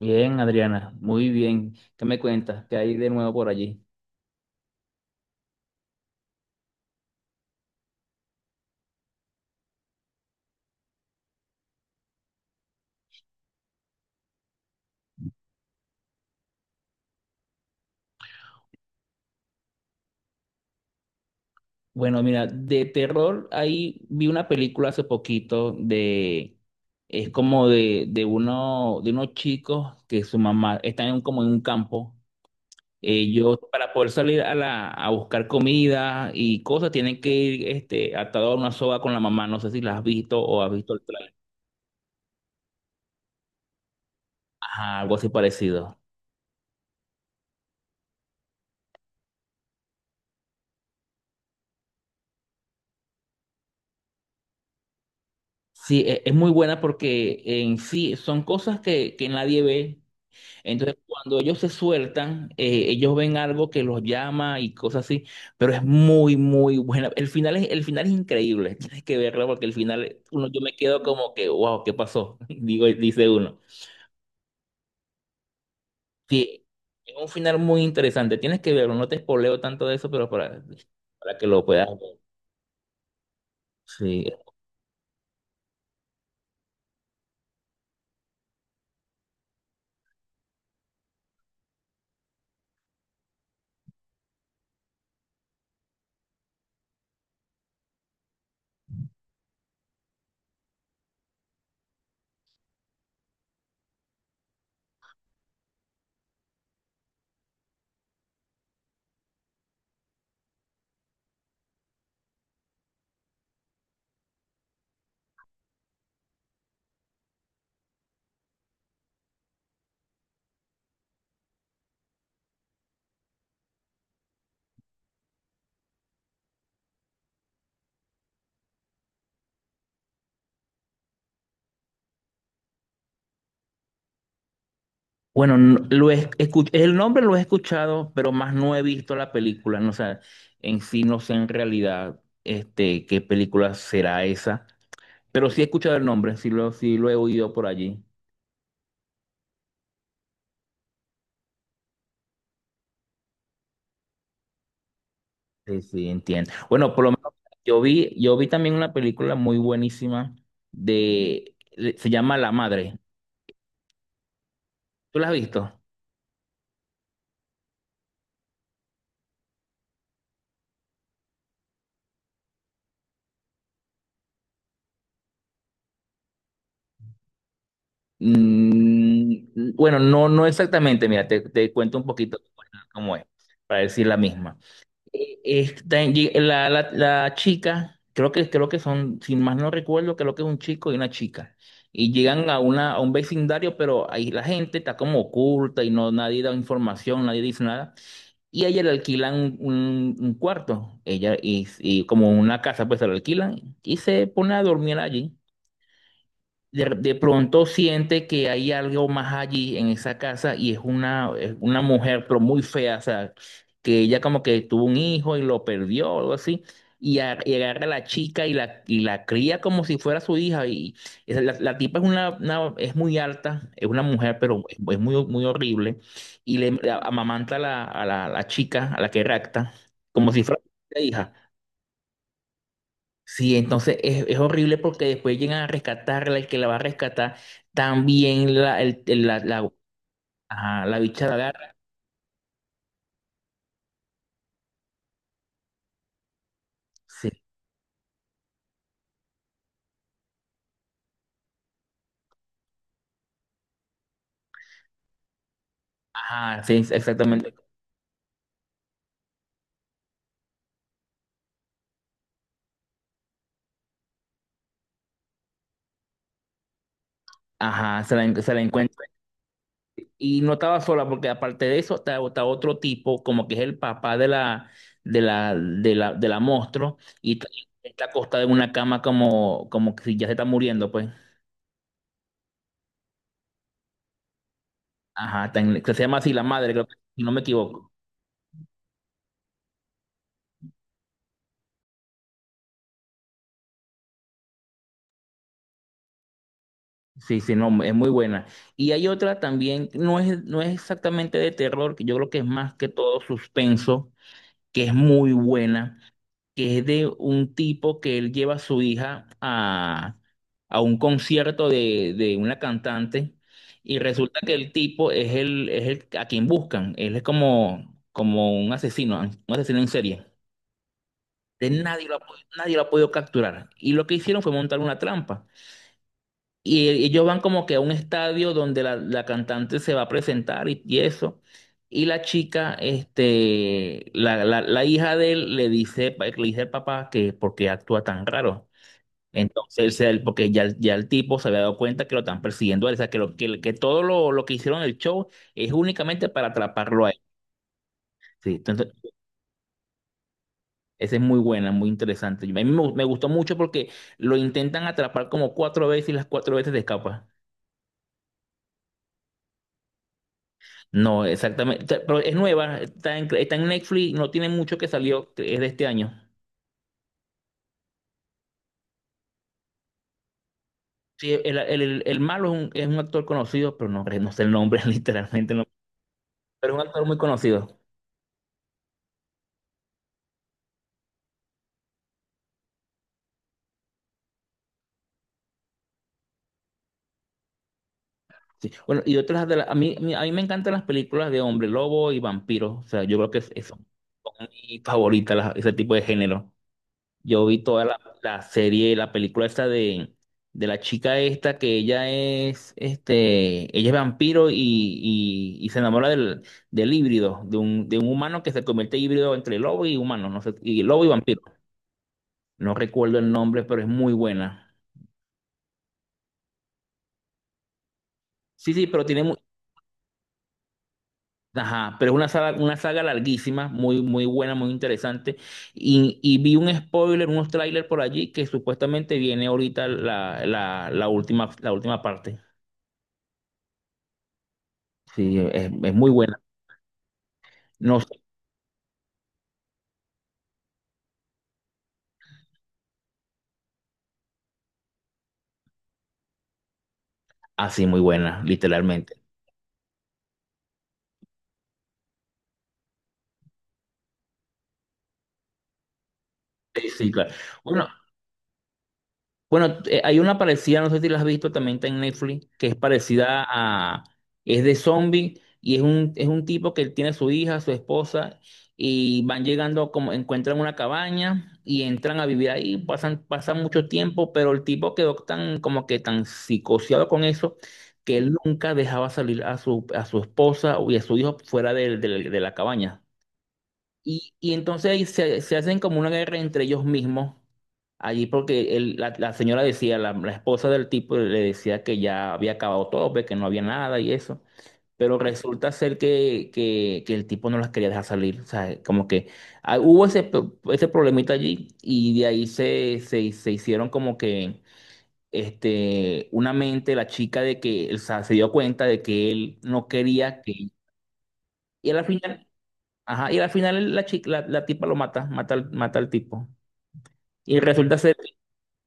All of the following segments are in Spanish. Bien, Adriana, muy bien. ¿Qué me cuentas? ¿Qué hay de nuevo por allí? Bueno, mira, de terror ahí vi una película hace poquito es como de uno, de unos chicos que su mamá está en como en un campo. Ellos para poder salir a a buscar comida y cosas tienen que ir este, atados a una soga con la mamá. No sé si la has visto o has visto el trailer. Ajá, algo así parecido. Sí, es muy buena porque en sí son cosas que nadie ve. Entonces, cuando ellos se sueltan, ellos ven algo que los llama y cosas así, pero es muy, muy buena. El final es increíble, tienes que verla porque el final, uno, yo me quedo como que, wow, ¿qué pasó? Digo, dice uno. Sí, es un final muy interesante, tienes que verlo, no te spoileo tanto de eso, pero para que lo puedas ver. Sí. Bueno, lo he el nombre lo he escuchado, pero más no he visto la película, no, o sea, en sí no sé en realidad este, qué película será esa. Pero sí he escuchado el nombre, sí lo he oído por allí. Sí, sí, entiendo. Bueno, por lo menos yo vi también una película muy buenísima de, se llama La Madre. ¿Tú la has visto? Mm, mm, bueno, no, no exactamente. Mira, te cuento un poquito cómo es, para decir la misma. La chica, creo que son, sin más no recuerdo, creo que es un chico y una chica. Y llegan a, una, a un vecindario, pero ahí la gente está como oculta y no nadie da información, nadie dice nada. Y a ella le alquilan un cuarto, ella y como una casa, pues se la alquilan y se pone a dormir allí de pronto siente que hay algo más allí en esa casa y es una mujer, pero muy fea, o sea, que ella como que tuvo un hijo y lo perdió o algo así, y, y agarra a la chica y y la cría como si fuera su hija. Y la tipa es, una, es muy alta, es una mujer, pero es muy, muy horrible, y le amamanta a a la chica, a la que rapta, como si fuera su hija. Sí, entonces es horrible porque después llegan a rescatarla, el que la va a rescatar, también la, ajá, la bicha la agarra. Sí, ajá, sí, exactamente. Ajá, se la encuentra. Y no estaba sola porque aparte de eso está otro tipo, como que es el papá de de la monstruo, y está acostada en una cama como, como que si ya se está muriendo, pues. Ajá, que se llama así la madre, creo que, si no me equivoco. Sí, sí, no, es muy buena. Y hay otra también, no es exactamente de terror, que yo creo que es más que todo suspenso, que es muy buena, que es de un tipo que él lleva a su hija a un concierto de una cantante y resulta que el tipo es el a quien buscan, él es como, como un asesino en serie. De Nadie lo ha pod- Nadie lo ha podido capturar. Y lo que hicieron fue montar una trampa. Y ellos van como que a un estadio donde la cantante se va a presentar y eso. Y la chica, este, la hija de él le dice, le dice al papá que por qué actúa tan raro. Entonces, él, porque ya el tipo se había dado cuenta que lo están persiguiendo a él, o sea, que todo lo que hicieron en el show es únicamente para atraparlo a él. Sí, entonces, esa es muy buena, muy interesante. A mí me gustó mucho porque lo intentan atrapar como cuatro veces y las cuatro veces se escapa. No, exactamente. Pero es nueva, está en Netflix, no tiene mucho que salió, que es de este año. Sí, el malo es un actor conocido, pero no, no sé el nombre, literalmente no. Pero es un actor muy conocido. Sí. Bueno, y otras de las. A mí me encantan las películas de hombre lobo y vampiro. O sea, yo creo que es son mi favorita, ese tipo de género. Yo vi toda la serie, la película esta de la chica esta, que ella es, este, ella es vampiro y se enamora del híbrido, de un humano que se convierte en híbrido entre lobo y humano, no sé, y lobo y vampiro. No recuerdo el nombre, pero es muy buena. Sí, sí, pero tiene Ajá, pero es una saga larguísima, muy, muy buena, muy interesante. Y vi un spoiler, unos trailers por allí que supuestamente viene ahorita la última parte. Sí, es muy buena. No, sé, así muy buena, literalmente. Sí, sí, claro. Bueno, bueno, hay una parecida, no sé si la has visto, también está en Netflix, que es parecida a, es de zombie y es un tipo que tiene su hija, su esposa y van llegando como encuentran una cabaña y entran a vivir ahí, pasan, pasan mucho tiempo, pero el tipo quedó tan como que tan psicoseado con eso que él nunca dejaba salir a a su esposa y a su hijo fuera de la cabaña. Y entonces ahí se hacen como una guerra entre ellos mismos, allí porque la señora decía, la esposa del tipo le decía que ya había acabado todo, pues, que no había nada y eso, pero resulta ser que el tipo no las quería dejar salir, o sea, como que ah, hubo ese, ese problemita allí y de ahí se hicieron como que este, una mente, la chica de que, o sea, se dio cuenta de que él no quería que... Y al final ajá, y al final la chica, la tipa lo mata, mata al tipo. Y resulta ser,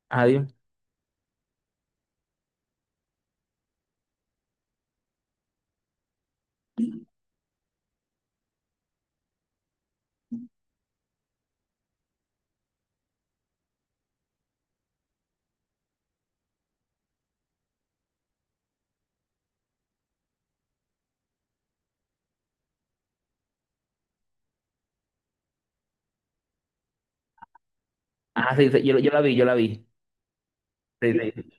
adiós. Ah, sí, yo la vi, yo la vi. Sí, sí,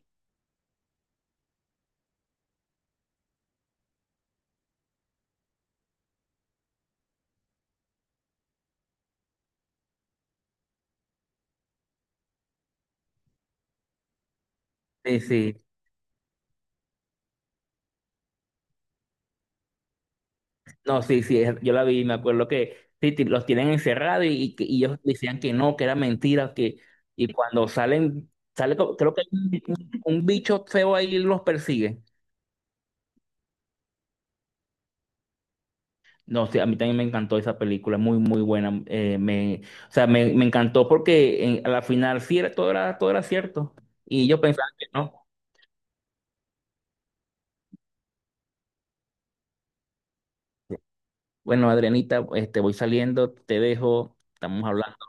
sí, sí. No, sí, sí, yo la vi, me acuerdo que sí, los tienen encerrados y y ellos decían que no, que era mentira, que, y cuando salen, sale, creo que hay un bicho feo ahí y los persigue. No, sí, a mí también me encantó esa película, muy, muy buena. O sea, me encantó porque a la final sí era, todo era, todo era cierto. Y yo pensaba que no. Bueno, Adrianita, este, voy saliendo, te dejo, estamos hablando.